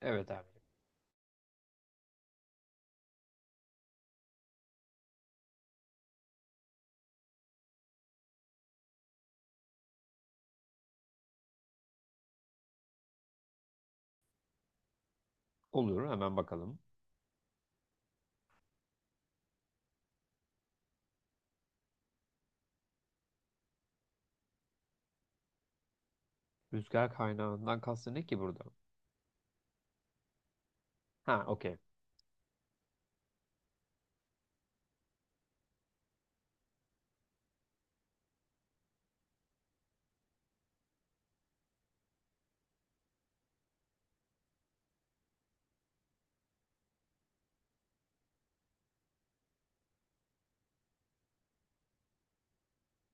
Evet abi. Olur hemen bakalım. Rüzgar kaynağından kastın ne ki burada? Ha, okey.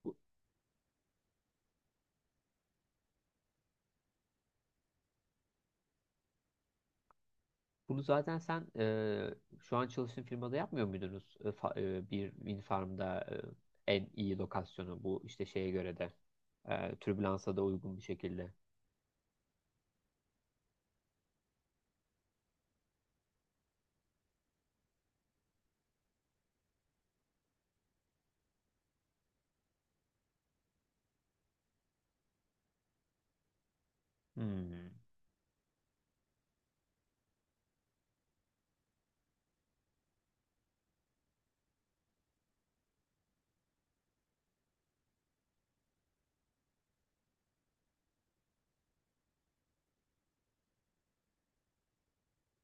Bu- Bunu zaten sen şu an çalıştığın firmada yapmıyor muydunuz? Bir wind farm'da en iyi lokasyonu bu işte şeye göre de türbülansa da uygun bir şekilde. Hmm.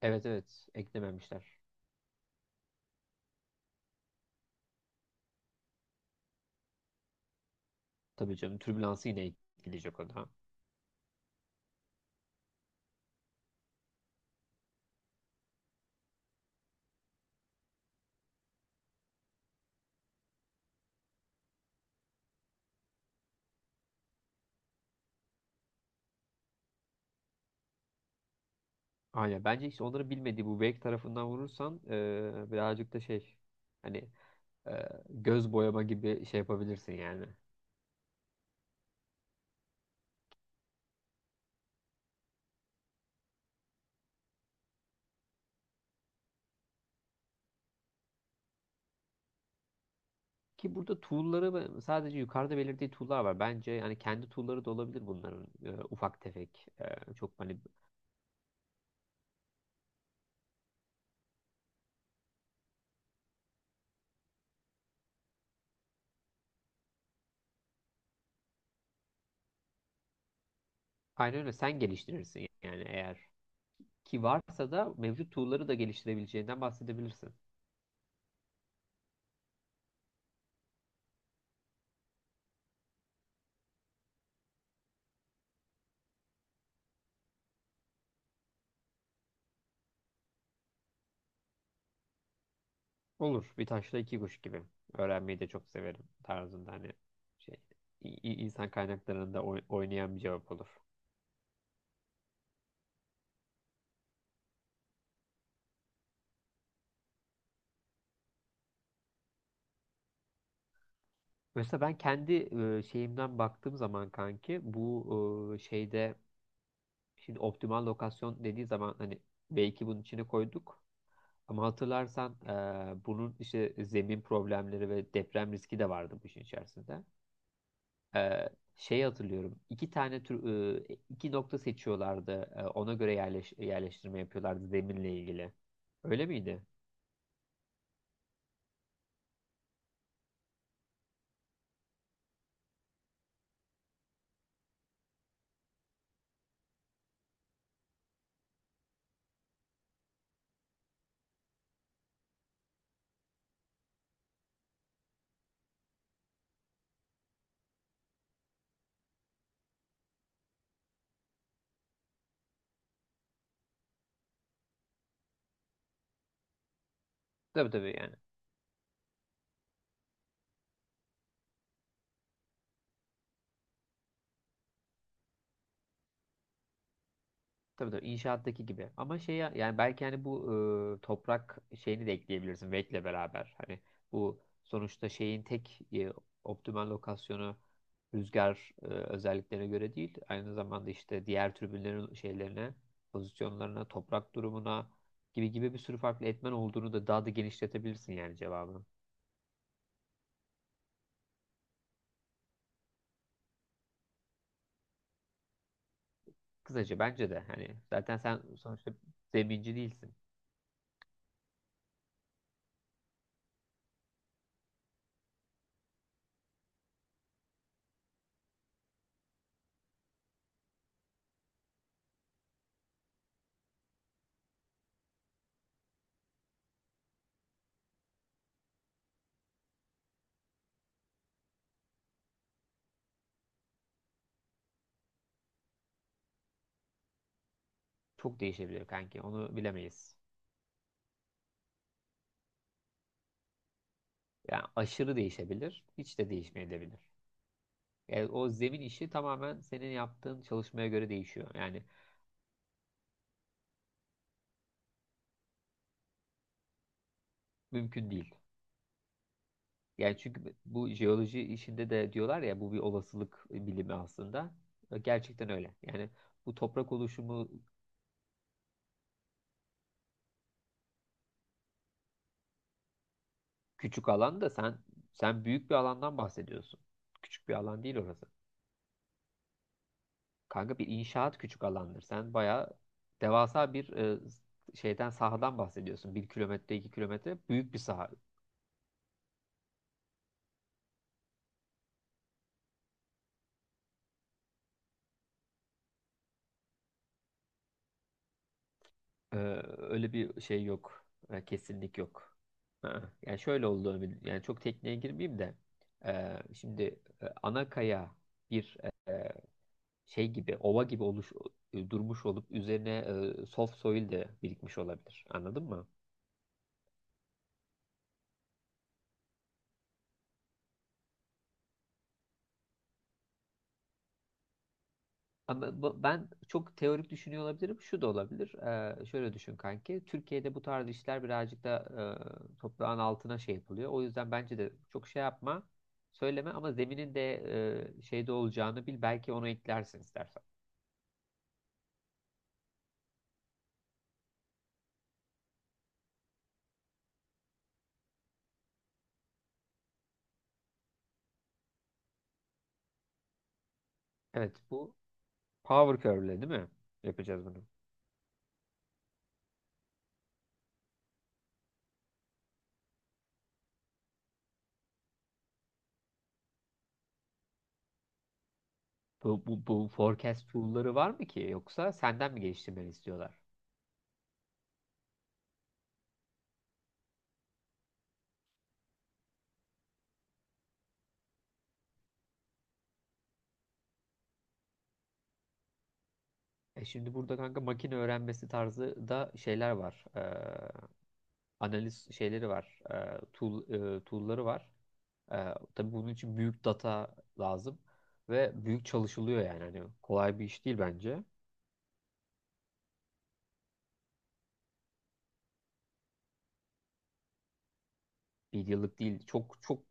Evet, evet, eklememişler. Tabii canım, türbülansı yine ekleyecek o da. Aynen, bence işte onları bilmediği bu wake tarafından vurursan birazcık da şey, hani e, göz boyama gibi şey yapabilirsin yani. Ki burada tool'ları sadece yukarıda belirttiği tool'lar var. Bence yani kendi tool'ları da olabilir bunların ufak tefek. Çok hani, aynen öyle, sen geliştirirsin yani, eğer ki varsa da mevcut tool'ları da geliştirebileceğinden bahsedebilirsin. Olur. Bir taşla iki kuş gibi. Öğrenmeyi de çok severim tarzında, hani şey, insan kaynaklarında oynayan bir cevap olur. Mesela ben kendi şeyimden baktığım zaman kanki bu şeyde, şimdi optimal lokasyon dediği zaman hani belki bunun içine koyduk. Ama hatırlarsan bunun işte zemin problemleri ve deprem riski de vardı bu işin içerisinde. E, Şey hatırlıyorum. İki nokta seçiyorlardı. Ona göre yerleştirme yapıyorlardı zeminle ilgili. Öyle miydi? Tabii tabii yani. Tabii tabii, inşaattaki gibi. Ama şey, yani belki hani bu toprak şeyini de ekleyebilirsin Wake'le beraber. Hani bu sonuçta şeyin tek optimal lokasyonu rüzgar özelliklerine göre değil. Aynı zamanda işte diğer tribünlerin şeylerine, pozisyonlarına, toprak durumuna gibi gibi bir sürü farklı etmen olduğunu da daha da genişletebilirsin yani cevabını. Kısaca, bence de hani zaten sen sonuçta zeminci değilsin. Çok değişebilir kanki. Onu bilemeyiz. Yani aşırı değişebilir, hiç de değişmeyebilir. Yani o zemin işi tamamen senin yaptığın çalışmaya göre değişiyor. Yani mümkün değil. Yani çünkü bu jeoloji işinde de diyorlar ya, bu bir olasılık bilimi aslında. Gerçekten öyle. Yani bu toprak oluşumu, küçük alanda sen büyük bir alandan bahsediyorsun. Küçük bir alan değil orası. Kanka, bir inşaat küçük alandır. Sen bayağı devasa bir şeyden, sahadan bahsediyorsun. 1 kilometre, 2 kilometre büyük bir saha. Ee, Öyle bir şey yok. Kesinlik yok. Ha, yani şöyle oldu. Ömür, yani çok tekniğe girmeyeyim de. Şimdi ana kaya bir e, şey gibi, ova gibi durmuş olup üzerine soft soil de birikmiş olabilir. Anladın mı? Ama ben çok teorik düşünüyor olabilirim. Şu da olabilir. Şöyle düşün kanki. Türkiye'de bu tarz işler birazcık da toprağın altına şey yapılıyor. O yüzden bence de çok şey yapma, söyleme, ama zeminin de şeyde olacağını bil. Belki onu eklersin istersen. Evet, bu power curve'le değil mi? Yapacağız bunu. Bu forecast tool'ları var mı ki? Yoksa senden mi geliştirmeni istiyorlar? Şimdi burada kanka, makine öğrenmesi tarzı da şeyler var. Analiz şeyleri var. Tool'ları var. E, tabii bunun için büyük data lazım ve büyük çalışılıyor yani. Hani kolay bir iş değil bence. Bir yıllık değil. Çok çok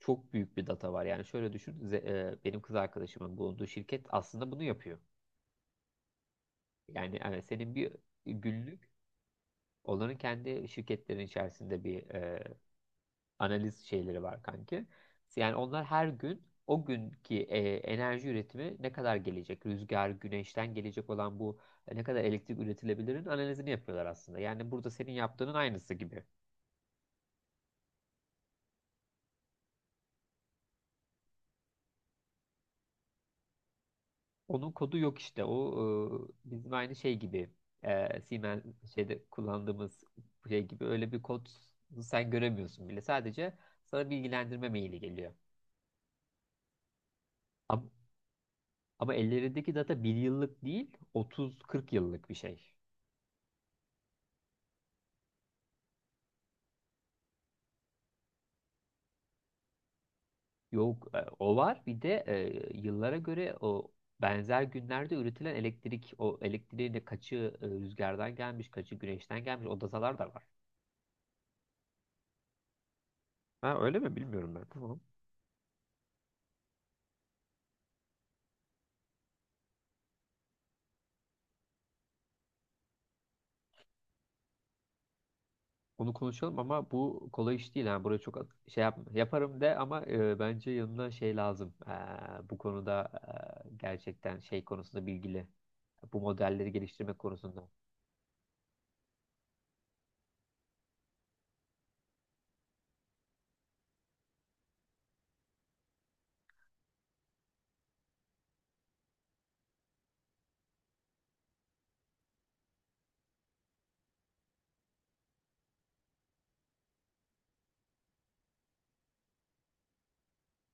çok büyük bir data var. Yani şöyle düşün. Benim kız arkadaşımın bulunduğu şirket aslında bunu yapıyor. Yani evet, senin bir günlük, onların kendi şirketlerin içerisinde bir analiz şeyleri var kanki. Yani onlar her gün o günkü enerji üretimi ne kadar gelecek? Rüzgar, güneşten gelecek olan bu ne kadar elektrik üretilebilirin analizini yapıyorlar aslında. Yani burada senin yaptığının aynısı gibi. Onun kodu yok işte. O, bizim aynı şey gibi. Siemens şeyde kullandığımız şey gibi, öyle bir kod sen göremiyorsun bile. Sadece sana bilgilendirme maili geliyor. Ama, ama ellerindeki data bir yıllık değil, 30-40 yıllık bir şey. Yok, o var. Bir de yıllara göre o benzer günlerde üretilen elektrik, o elektriğin de kaçı rüzgardan gelmiş, kaçı güneşten gelmiş, o datalar da var. Ha, öyle mi, bilmiyorum ben. Tamam. Onu konuşalım, ama bu kolay iş değil. Yani buraya çok şey yapma. Yaparım de, ama bence yanına şey lazım. Bu konuda gerçekten şey konusunda bilgili. Bu modelleri geliştirme konusunda.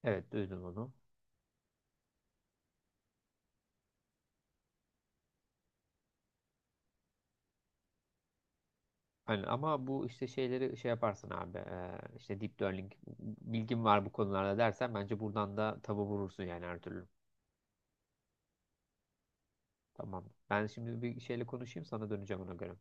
Evet, duydum onu. Aynen. Ama bu işte şeyleri şey yaparsın abi, işte deep learning bilgim var bu konularda dersen, bence buradan da tabu vurursun yani her türlü. Tamam. Ben şimdi bir şeyle konuşayım, sana döneceğim ona göre.